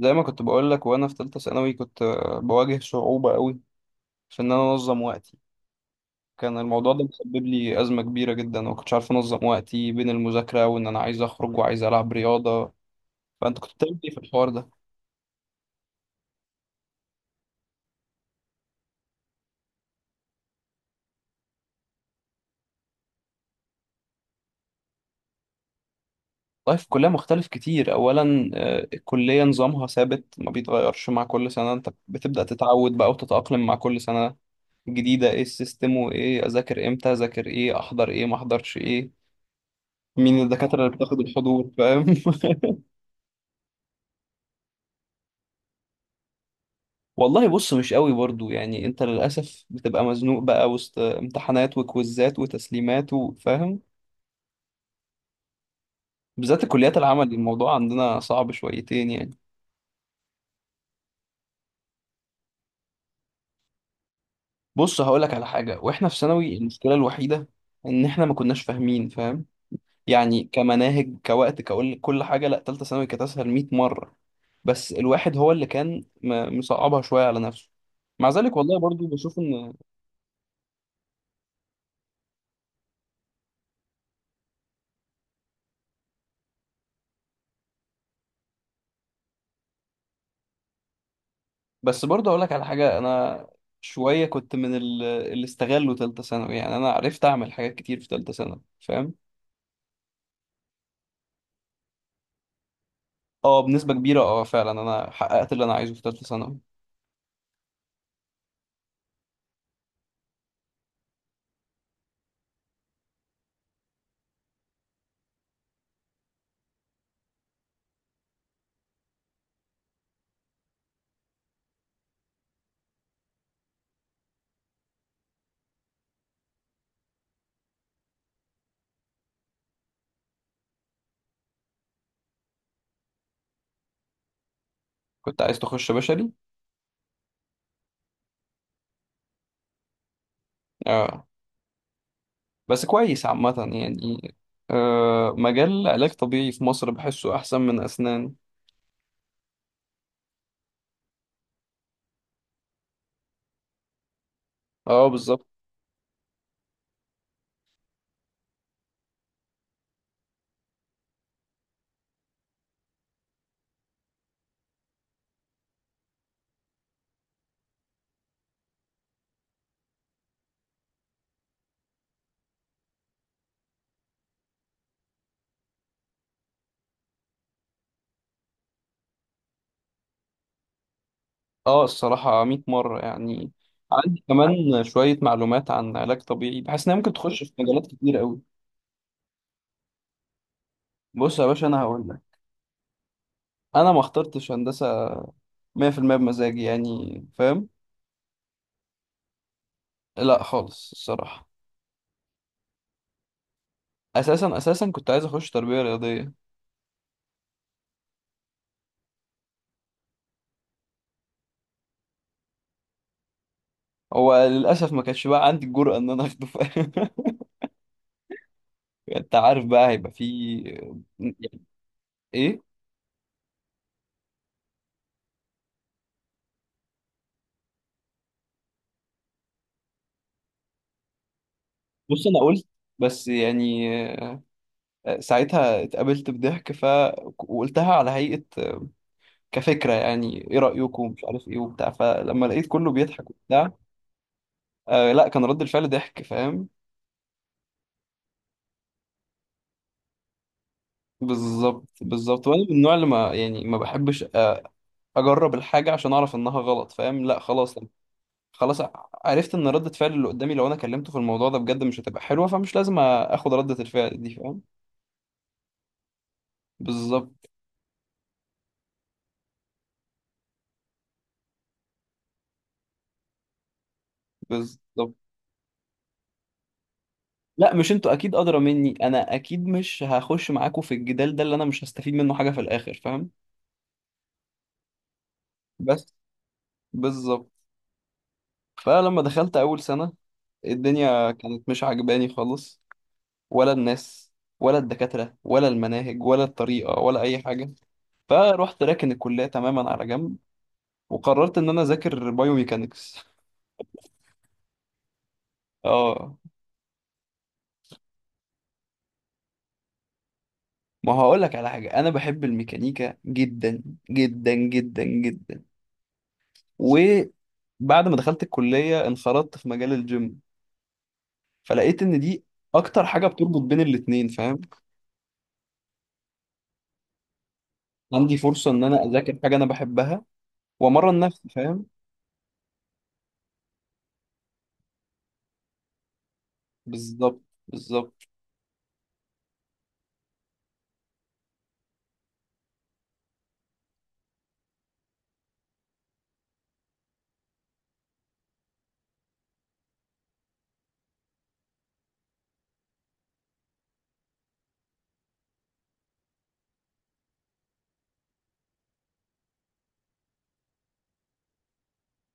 زي ما كنت بقول لك وانا في ثالثه ثانوي كنت بواجه صعوبه قوي في ان انا انظم وقتي. كان الموضوع ده مسبب لي ازمه كبيره جدا وما كنتش عارف انظم وقتي بين المذاكره وان انا عايز اخرج وعايز العب رياضه. فانت كنت بتعمل ايه في الحوار ده؟ طيب في الكليه مختلف كتير، اولا الكليه نظامها ثابت ما بيتغيرش، مع كل سنه انت بتبدا تتعود بقى وتتاقلم مع كل سنه جديده، ايه السيستم وايه اذاكر امتى اذاكر ايه احضر ايه ما احضرش ايه، مين الدكاتره اللي بتاخد الحضور، فاهم؟ والله بص مش قوي برضو، يعني انت للاسف بتبقى مزنوق بقى وسط امتحانات وكويزات وتسليمات وفاهم، بالذات الكليات العمل الموضوع عندنا صعب شويتين يعني. بص هقولك على حاجه، واحنا في ثانوي المشكله الوحيده ان احنا ما كناش فاهمين، فاهم؟ يعني كمناهج كوقت كقول كل حاجه، لا، تالتة ثانوي كانت اسهل 100 مره، بس الواحد هو اللي كان مصعبها شويه على نفسه. مع ذلك والله برضو بشوف ان بس برضه اقول لك على حاجه، انا شويه كنت اللي استغلوا تالتة ثانوي، يعني انا عرفت اعمل حاجات كتير في تالتة ثانوي فاهم. اه بنسبه كبيره، اه فعلا انا حققت اللي انا عايزه في تالتة ثانوي. كنت عايز تخش بشري. اه بس كويس عامه يعني، آه مجال علاج طبيعي في مصر بحسه احسن من اسنان. اه بالظبط. اه الصراحه 100 مره يعني. عندي كمان شويه معلومات عن علاج طبيعي، بحس انها ممكن تخش في مجالات كتير قوي. بص يا باشا انا هقول، انا ما اخترتش هندسه 100% بمزاجي يعني فاهم. لا خالص الصراحه. اساسا كنت عايز اخش تربيه رياضيه. هو للاسف ما كانش بقى عندي الجرأه ان انا اخده فاهم. انت عارف بقى هيبقى في، يعني ايه. بص انا قلت، بس يعني ساعتها اتقابلت بضحك، ف وقلتها على هيئه، كفكره يعني ايه رايكم مش عارف ايه وبتاع، فلما لقيت كله بيضحك وبتاع. آه لا كان رد الفعل ضحك فاهم. بالظبط بالظبط، وانا من النوع اللي ما يعني ما بحبش اجرب الحاجه عشان اعرف انها غلط فاهم. لا خلاص خلاص، عرفت ان رده فعل اللي قدامي لو انا كلمته في الموضوع ده بجد مش هتبقى حلوه، فمش لازم اخد رده الفعل دي فاهم. بالظبط بالظبط. لا مش انتوا اكيد ادرى مني، انا اكيد مش هخش معاكوا في الجدال ده اللي انا مش هستفيد منه حاجه في الاخر فاهم. بس بالظبط. فلما دخلت اول سنه، الدنيا كانت مش عجباني خالص، ولا الناس ولا الدكاترة ولا المناهج ولا الطريقة ولا أي حاجة. فروحت راكن الكلية تماما على جنب، وقررت إن أنا أذاكر بايوميكانكس. اه، ما هقول لك على حاجة، أنا بحب الميكانيكا جدا جدا جدا جدا. وبعد ما دخلت الكلية انخرطت في مجال الجيم، فلقيت إن دي أكتر حاجة بتربط بين الاتنين فاهم. عندي فرصة إن أنا أذاكر حاجة أنا بحبها وأمرن نفسي فاهم. بالظبط بالظبط.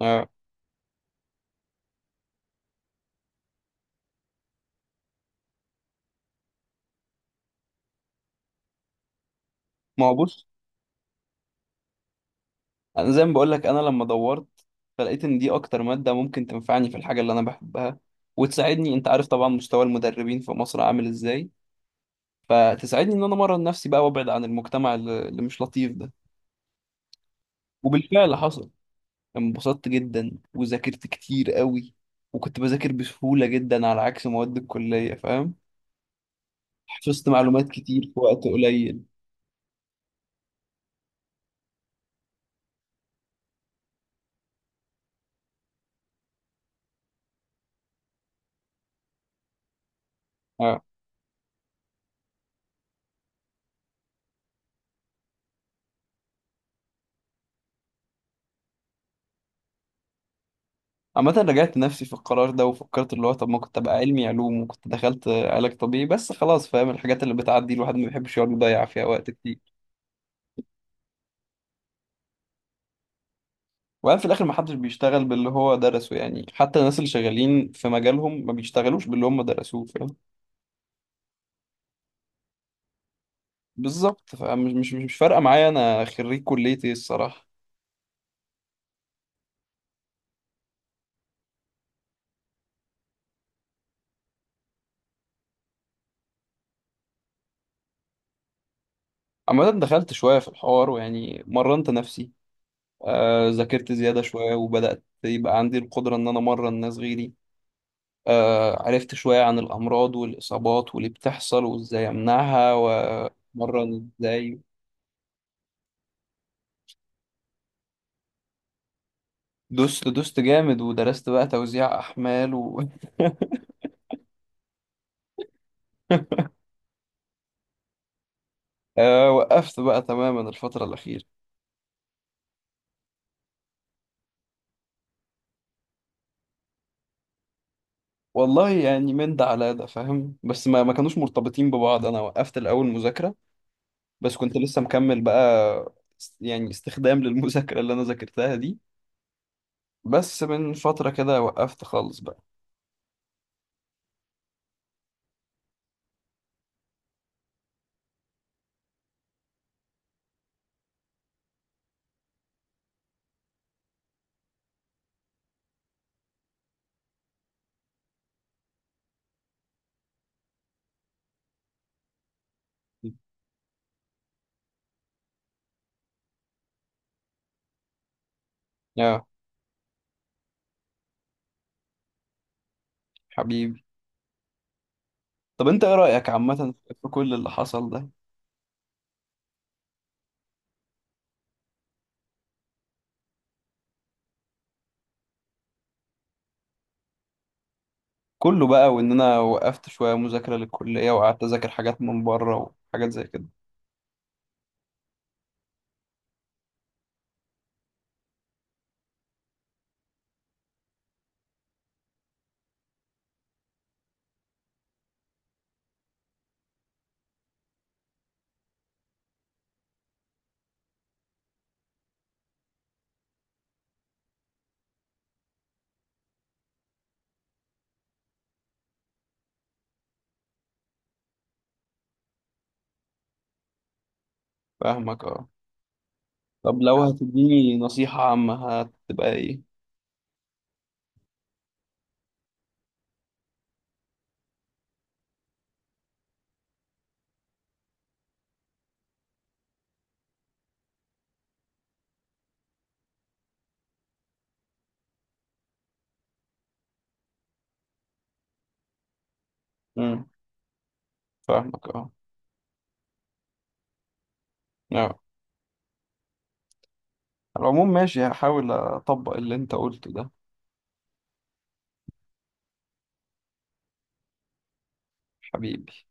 اه ما هو بص، انا زي ما بقول لك انا لما دورت فلقيت ان دي اكتر ماده ممكن تنفعني في الحاجه اللي انا بحبها وتساعدني، انت عارف طبعا مستوى المدربين في مصر عامل ازاي، فتساعدني ان انا امرن نفسي بقى، وابعد عن المجتمع اللي مش لطيف ده. وبالفعل حصل، انبسطت جدا وذاكرت كتير قوي، وكنت بذاكر بسهوله جدا على عكس مواد الكليه فاهم. حفظت معلومات كتير في وقت قليل. اه. عامة رجعت نفسي في القرار ده وفكرت اللي هو طب ما كنت ابقى علمي علوم وكنت دخلت علاج طبيعي بس خلاص، فاهم الحاجات اللي بتعدي الواحد ما بيحبش يقعد يضيع فيها وقت كتير. وبعدين في الاخر ما حدش بيشتغل باللي هو درسه، يعني حتى الناس اللي شغالين في مجالهم ما بيشتغلوش باللي هم درسوه فاهم. بالظبط، فمش مش مش مش فارقة معايا انا خريج كلية ايه الصراحة. عامة دخلت شوية في الحوار ويعني مرنت نفسي، ذاكرت زيادة شوية وبدأت يبقى عندي القدرة ان انا امرن ناس غيري. عرفت شوية عن الأمراض والإصابات واللي بتحصل وإزاي أمنعها وأتمرن إزاي. دوست جامد ودرست بقى توزيع أحمال و... وقفت بقى تماما الفترة الأخيرة. والله يعني من ده على ده فاهم، بس ما كانوش مرتبطين ببعض، أنا وقفت الأول مذاكرة، بس كنت لسه مكمل بقى، يعني استخدام للمذاكرة اللي أنا ذاكرتها دي. بس من فترة كده وقفت خالص بقى. يا حبيبي. طب أنت إيه رأيك عامة في كل اللي حصل ده كله بقى، وان انا وقفت شويه مذاكره للكليه وقعدت اذاكر حاجات من بره وحاجات زي كده. فاهمك اه. طب لو هتديني نصيحه عامه هتبقى ايه؟ امم. فاهمك اه. آه. على العموم ماشي، هحاول اطبق اللي انت قلته ده. حبيبي.